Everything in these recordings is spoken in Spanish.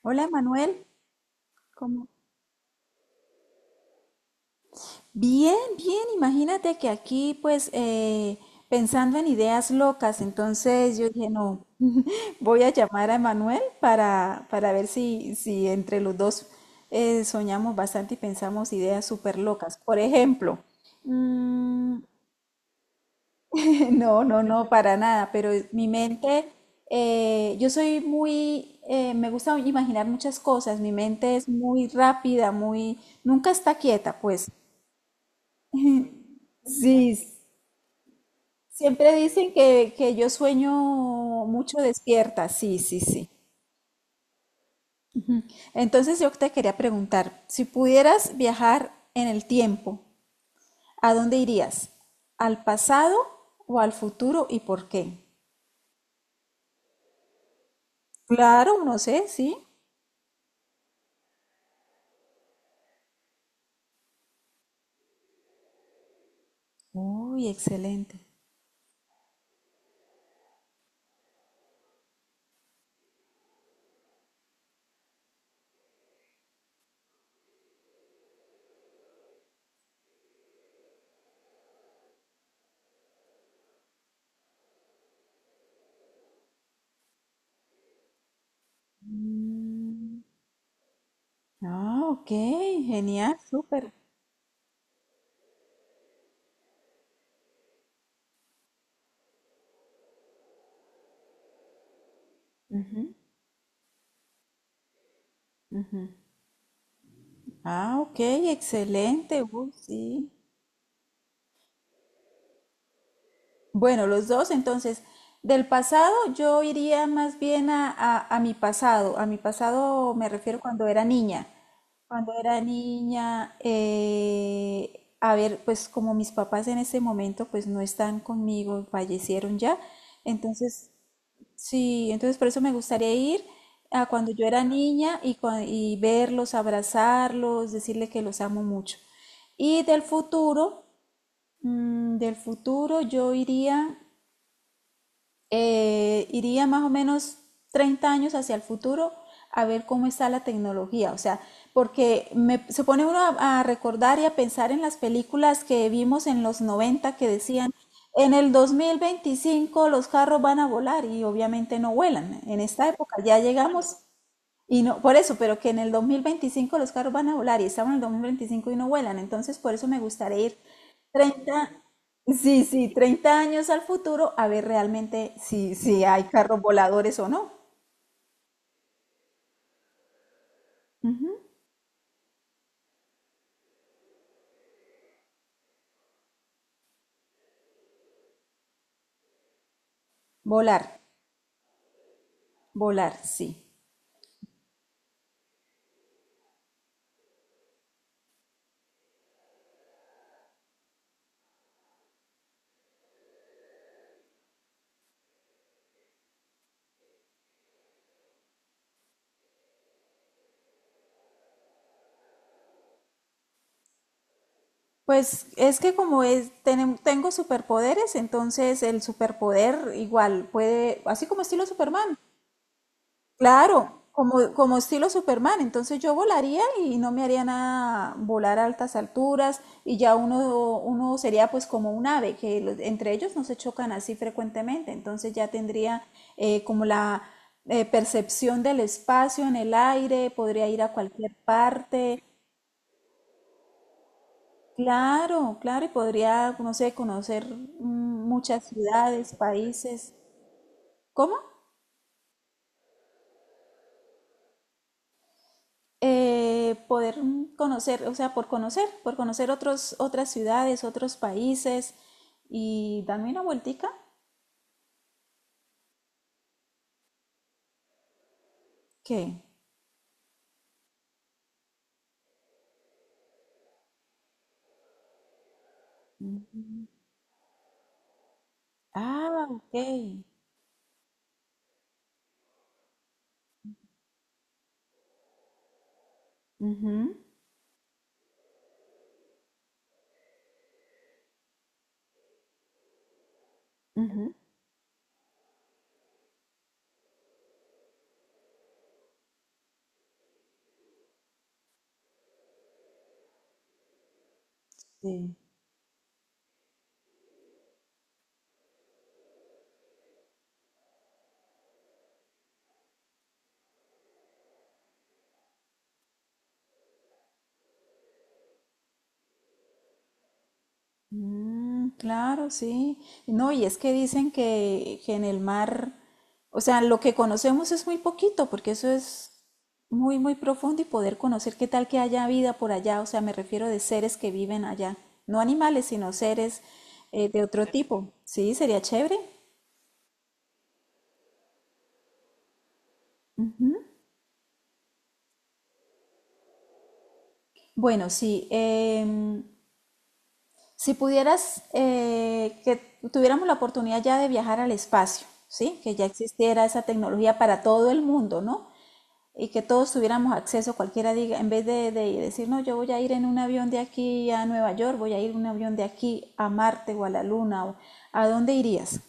Hola Manuel, ¿cómo? Bien, bien, imagínate que aquí pues pensando en ideas locas, entonces yo dije, no, voy a llamar a Manuel para ver si entre los dos soñamos bastante y pensamos ideas súper locas. Por ejemplo, mm, no, no, no, para nada, pero mi mente, yo soy muy, me gusta imaginar muchas cosas, mi mente es muy rápida, muy, nunca está quieta, pues. Sí, siempre dicen que yo sueño mucho despierta, sí, sí, sí. Entonces yo te quería preguntar, si pudieras viajar en el tiempo, ¿a dónde irías? ¿Al pasado o al futuro y por qué? Claro, no sé, sí. Uy, excelente. Mm, Ah, ok, genial, súper. Ujú, ujú. Ah, ok, excelente, uy, sí. Bueno, los dos, entonces, del pasado yo iría más bien a mi pasado. A mi pasado me refiero cuando era niña. Cuando era niña, a ver, pues como mis papás en ese momento pues no están conmigo, fallecieron ya. Entonces, sí, entonces por eso me gustaría ir a cuando yo era niña y, y verlos, abrazarlos, decirle que los amo mucho. Y del futuro, yo iría más o menos 30 años hacia el futuro a ver cómo está la tecnología. O sea, porque se pone uno a recordar y a pensar en las películas que vimos en los 90 que decían, en el 2025 los carros van a volar y obviamente no vuelan. En esta época ya llegamos y no, por eso, pero que en el 2025 los carros van a volar y estamos en el 2025 y no vuelan. Entonces, por eso me gustaría ir 30 sí, sí, 30 años al futuro a ver realmente si hay carros voladores o no. Volar, volar, sí. Pues es que como es, tengo superpoderes, entonces el superpoder igual puede, así como estilo Superman, claro, como estilo Superman, entonces yo volaría y no me haría nada volar a altas alturas y ya uno sería pues como un ave, que entre ellos no se chocan así frecuentemente, entonces ya tendría como la percepción del espacio en el aire, podría ir a cualquier parte, claro, claro, y podría, no sé, conocer muchas ciudades, países. ¿Cómo? Poder conocer, o sea, por conocer, otros, otras ciudades, otros países y darme una vueltica. ¿Qué? Mm, ah, ok. Ujú, ujú, sí. Mm, claro, sí. No, y es que dicen que en el mar, o sea, lo que conocemos es muy poquito, porque eso es muy, muy profundo y poder conocer qué tal que haya vida por allá, o sea, me refiero de seres que viven allá, no animales, sino seres de otro tipo. Sí, sería chévere. Bueno, sí, si pudieras, que tuviéramos la oportunidad ya de viajar al espacio, ¿sí? Que ya existiera esa tecnología para todo el mundo, ¿no? Y que todos tuviéramos acceso, cualquiera diga, en vez de decir, no, yo voy a ir en un avión de aquí a Nueva York, voy a ir en un avión de aquí a Marte o a la Luna, o, ¿a dónde irías?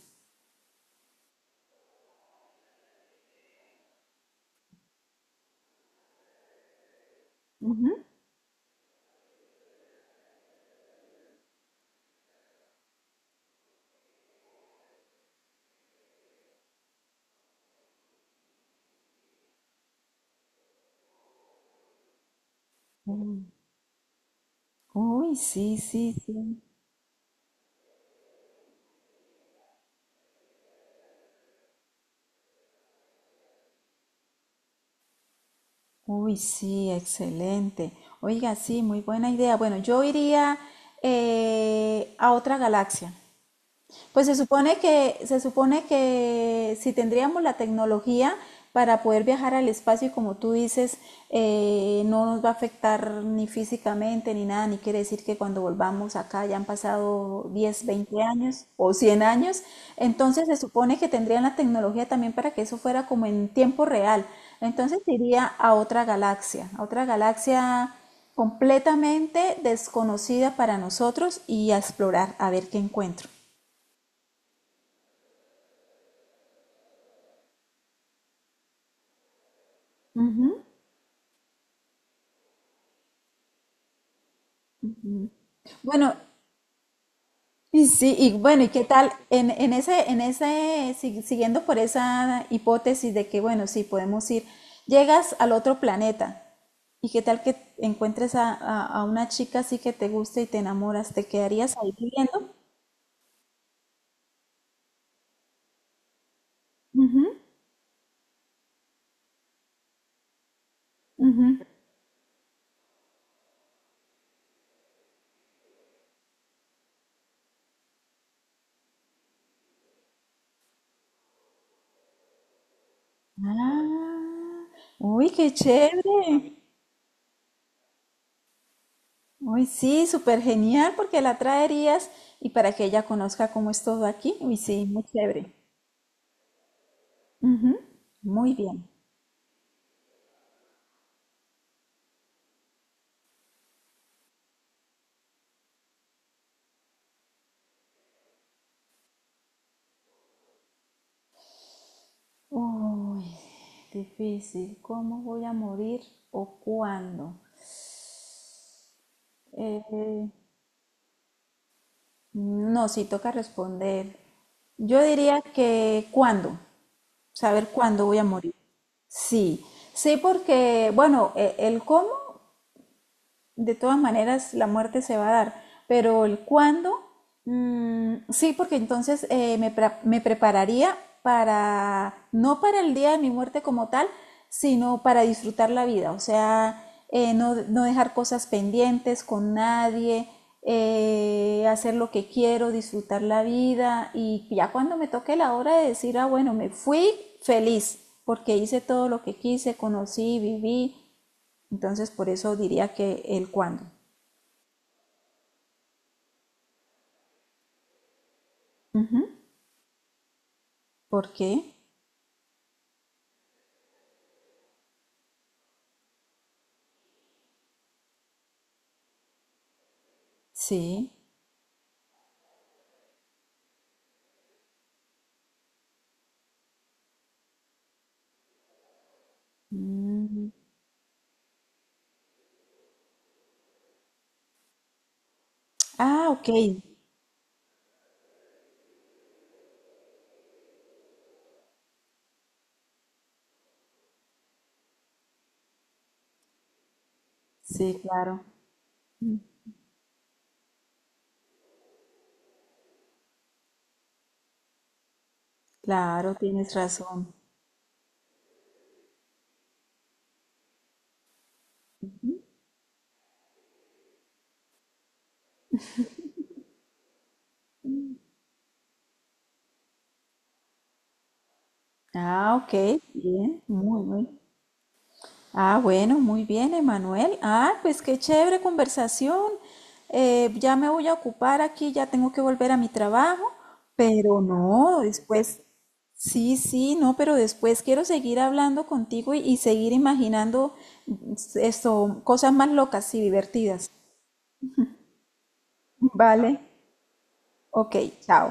Mm. Uy, sí, sí, sí. Uy, sí, excelente. Oiga, sí, muy buena idea. Bueno, yo iría a otra galaxia. Pues se supone que si tendríamos la tecnología para poder viajar al espacio y como tú dices, no nos va a afectar ni físicamente ni nada, ni quiere decir que cuando volvamos acá ya han pasado 10 veinte años o 100 años, entonces se supone que tendrían la tecnología también para que eso fuera como en tiempo real, entonces iría a otra galaxia completamente desconocida para nosotros y a explorar, a ver qué encuentro. Bueno, y sí, y bueno, ¿y qué tal? En ese, siguiendo por esa hipótesis de que, bueno, sí, podemos ir, llegas al otro planeta, ¿y qué tal que encuentres a una chica así que te guste y te enamoras? ¿Te quedarías ahí viviendo? Ah, uy, qué chévere. Uy, sí, súper genial, porque la traerías y para que ella conozca cómo es todo aquí. Uy, sí, muy chévere. Ujú, muy bien. Uy, difícil. ¿Cómo voy a morir o cuándo? Eh, no, sí toca responder. Yo diría que cuándo, saber cuándo voy a morir. Sí, sí, porque, bueno, el cómo de todas maneras la muerte se va a dar, pero el cuándo, mm, sí, porque entonces me prepararía para, no para el día de mi muerte como tal, sino para disfrutar la vida, o sea, no, no dejar cosas pendientes con nadie, hacer lo que quiero, disfrutar la vida y ya cuando me toque la hora de decir, ah, bueno, me fui feliz porque hice todo lo que quise, conocí, viví, entonces, por eso diría que el cuándo. ¿Por qué? Sí. Mm. Ah, ok. Sí, claro. Claro, tienes razón. Ah, ok. Bien. Muy, muy. Ah, bueno, muy bien, Emanuel. Ah, pues qué chévere conversación. Ya me voy a ocupar aquí, ya tengo que volver a mi trabajo, pero no, después, sí, sí, no, pero después quiero seguir hablando contigo y seguir imaginando esto, cosas más locas y divertidas. Vale, ok, chao.